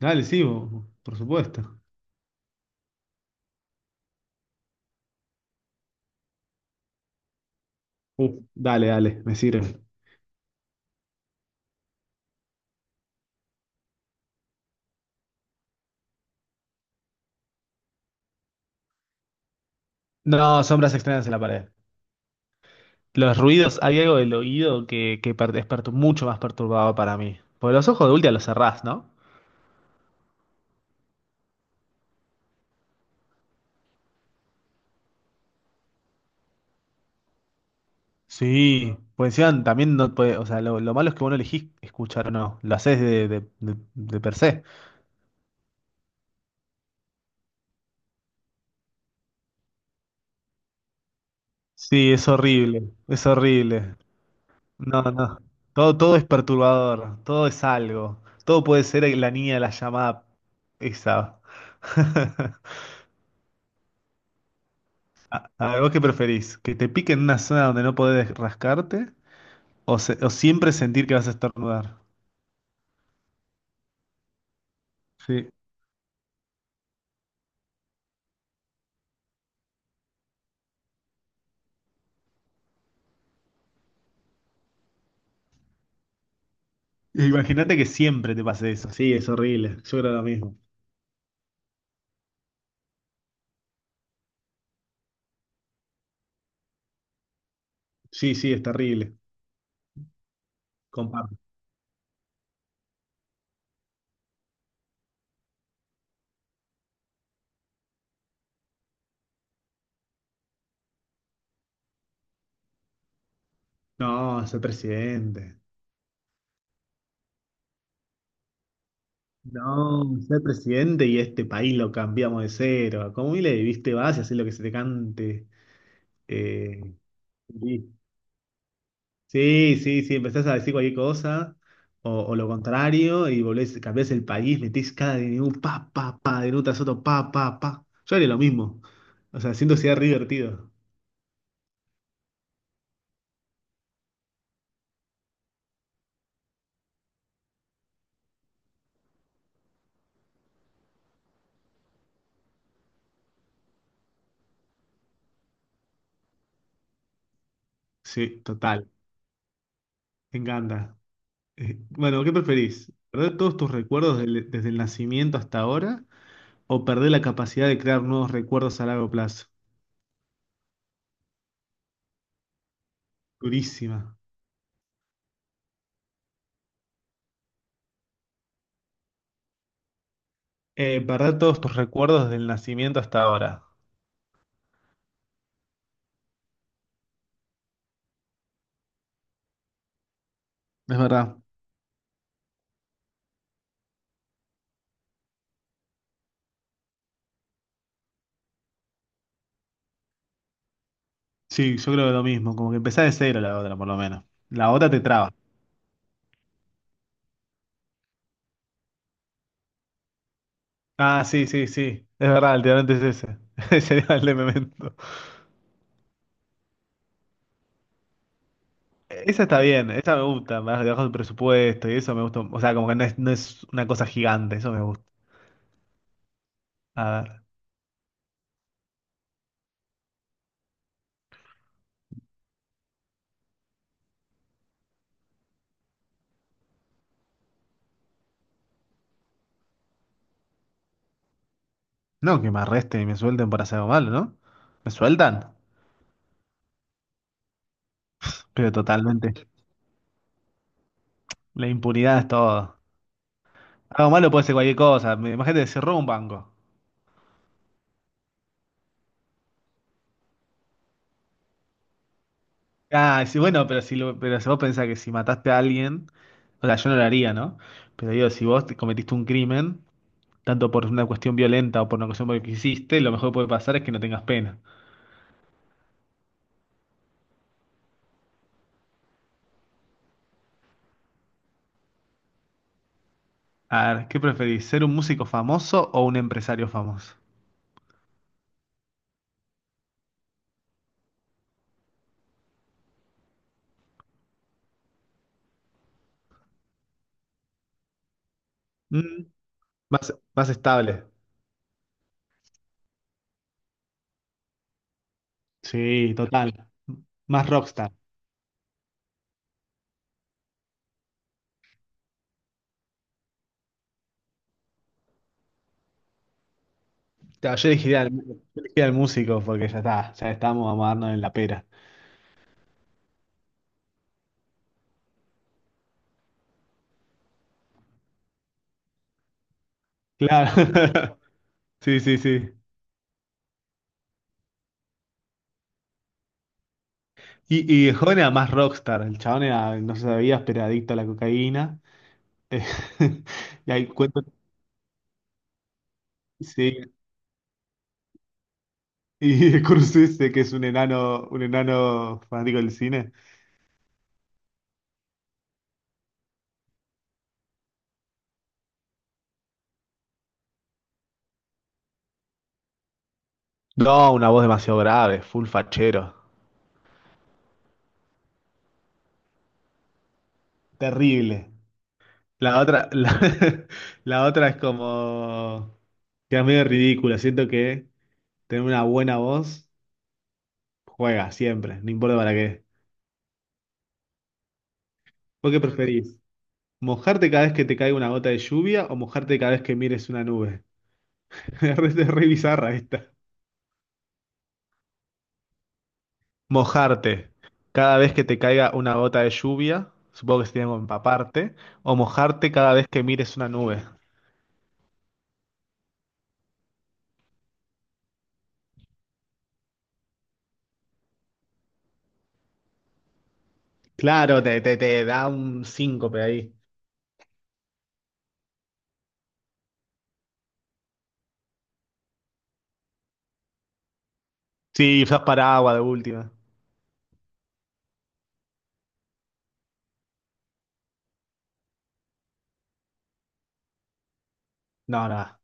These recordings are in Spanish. Dale, sí, por supuesto. Dale, me sirve. No, sombras extrañas en la pared. Los ruidos, hay algo del oído que es mucho más perturbado para mí. Porque los ojos de última los cerrás, ¿no? Sí, pues encima también no puede, o sea, lo malo es que vos no elegís escuchar o no, lo haces de per se. Sí, es horrible, es horrible. No, no, todo es perturbador, todo es algo, todo puede ser la niña de la llamada esa. A ver, ¿vos qué preferís? ¿Que te pique en una zona donde no podés rascarte? ¿O, o siempre sentir que vas a estornudar? Sí. Imagínate que siempre te pase eso. Sí, es horrible. Yo creo lo mismo. Sí, sí, es terrible. Comparto. No, ser presidente. No, ser presidente y este país lo cambiamos de cero. Como le viste, vas y haces lo que se te cante. Eh, Sí, sí, sí, empezás a decir cualquier cosa, o lo contrario, y volvés, cambiás el país, metís cada DNU, pa, pa, pa, DNU tras otro, pa, pa, pa. Yo haría lo mismo. O sea, siento que sería re divertido. Sí, total, me encanta. Bueno, ¿qué preferís? ¿Perder todos tus recuerdos desde el nacimiento hasta ahora? ¿O perder la capacidad de crear nuevos recuerdos a largo plazo? Durísima. Perder todos tus recuerdos del nacimiento hasta ahora. Es verdad. Sí, yo creo que lo mismo, como que empezás de cero la otra, por lo menos. La otra te traba. Ah, sí, sí, sí. Es verdad, el tirante es ese. Ese era el de Memento. Esa está bien, esa me gusta, más debajo del presupuesto y eso me gusta. O sea, como que no es una cosa gigante, eso me gusta. A ver. No, que me arresten y me suelten por hacer algo malo, ¿no? Me sueltan, pero totalmente. La impunidad es todo. Algo malo puede ser cualquier cosa. Imagínate, cerró un banco. Ah, sí, bueno, pero si vos pensás que si mataste a alguien, o sea, yo no lo haría, ¿no? Pero digo, si vos te cometiste un crimen, tanto por una cuestión violenta o por una cuestión porque hiciste, lo mejor que puede pasar es que no tengas pena. A ver, ¿qué preferís? ¿Ser un músico famoso o un empresario famoso? Mm, más estable. Sí, total. Más rockstar. Claro, yo elegiría al músico porque ya está, ya estamos, vamos a darnos en la pera. Claro. Sí, sí, sí. Y el joven era más rockstar, el chabón era, no se sabía, pero era adicto a la cocaína. Eh, y hay cuento, sí, y Scorsese, que es un enano fanático del cine. No, una voz demasiado grave, full fachero. Terrible. La otra, la, la otra es como, que es medio ridícula, siento que tener una buena voz juega siempre, no importa para qué. ¿Vos qué preferís? ¿Mojarte cada vez que te caiga una gota de lluvia o mojarte cada vez que mires una nube? Es re bizarra esta. Mojarte. Cada vez que te caiga una gota de lluvia, supongo que sería como empaparte, o mojarte cada vez que mires una nube. Claro, te da un síncope ahí. Sí, usás paraguas de última. No, nada.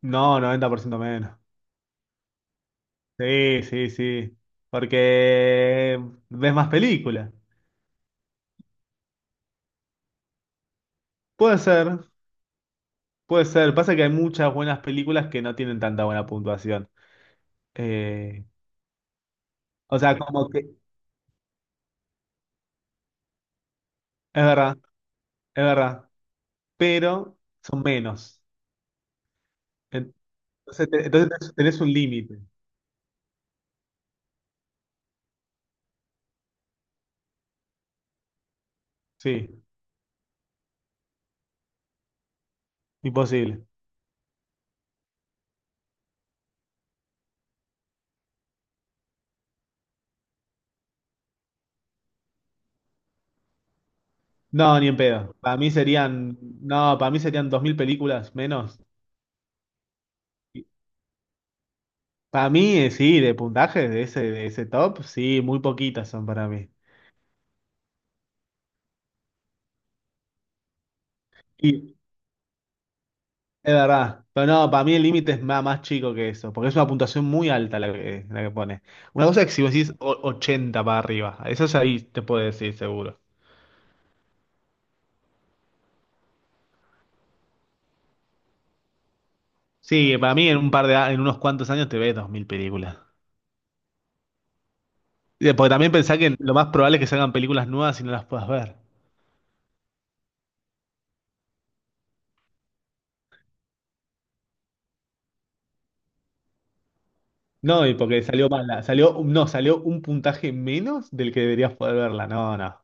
No, 90% menos. Sí, sí, sí. Porque ves más películas. Puede ser, puede ser. Pasa que hay muchas buenas películas que no tienen tanta buena puntuación. Eh, o sea, como que... Es verdad, es verdad, pero son menos. Entonces, entonces tenés un límite. Sí, imposible. No, ni en pedo. No, para mí serían 2000 películas menos. Y Para mí, sí, de puntaje de ese top, sí, muy poquitas son para mí. Y es verdad, pero no, para mí el límite es más chico que eso, porque es una puntuación muy alta la que pone. Una cosa es que si vos decís 80 para arriba, eso es ahí te puedo decir seguro. Sí, para mí en un par de, en unos cuantos años te ves 2000 películas. Porque también pensá que lo más probable es que salgan películas nuevas y no las puedas ver. No, y porque salió mala. Salió, no, salió un puntaje menos del que deberías poder verla. No, no.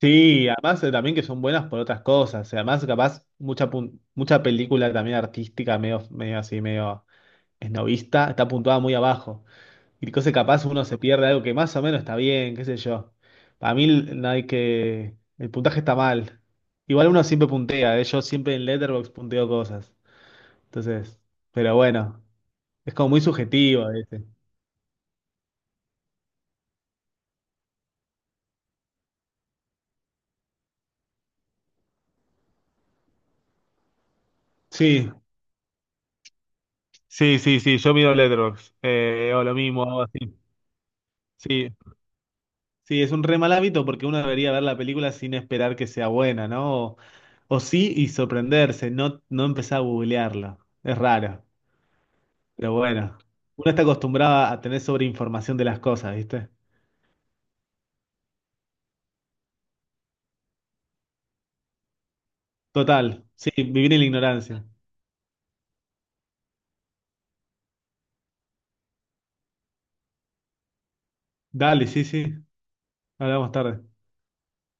Sí, además también que son buenas por otras cosas. Además, capaz, mucha película también artística, medio esnovista, está puntuada muy abajo. Y cosas capaz uno se pierde algo que más o menos está bien, qué sé yo. Para mí no hay que... El puntaje está mal. Igual uno siempre puntea, yo siempre en Letterboxd punteo cosas. Entonces, pero bueno, es como muy subjetivo a veces. Sí, sí, sí, sí, yo miro Letterboxd, o lo mismo, algo así. Sí, sí, es un re mal hábito porque uno debería ver la película sin esperar que sea buena, ¿no? O sí y sorprenderse, no empezar a googlearla. Es raro, pero bueno. Uno está acostumbrado a tener sobreinformación de las cosas, ¿viste? Total, sí, vivir en la ignorancia. Dale, sí, sí, hablamos tarde.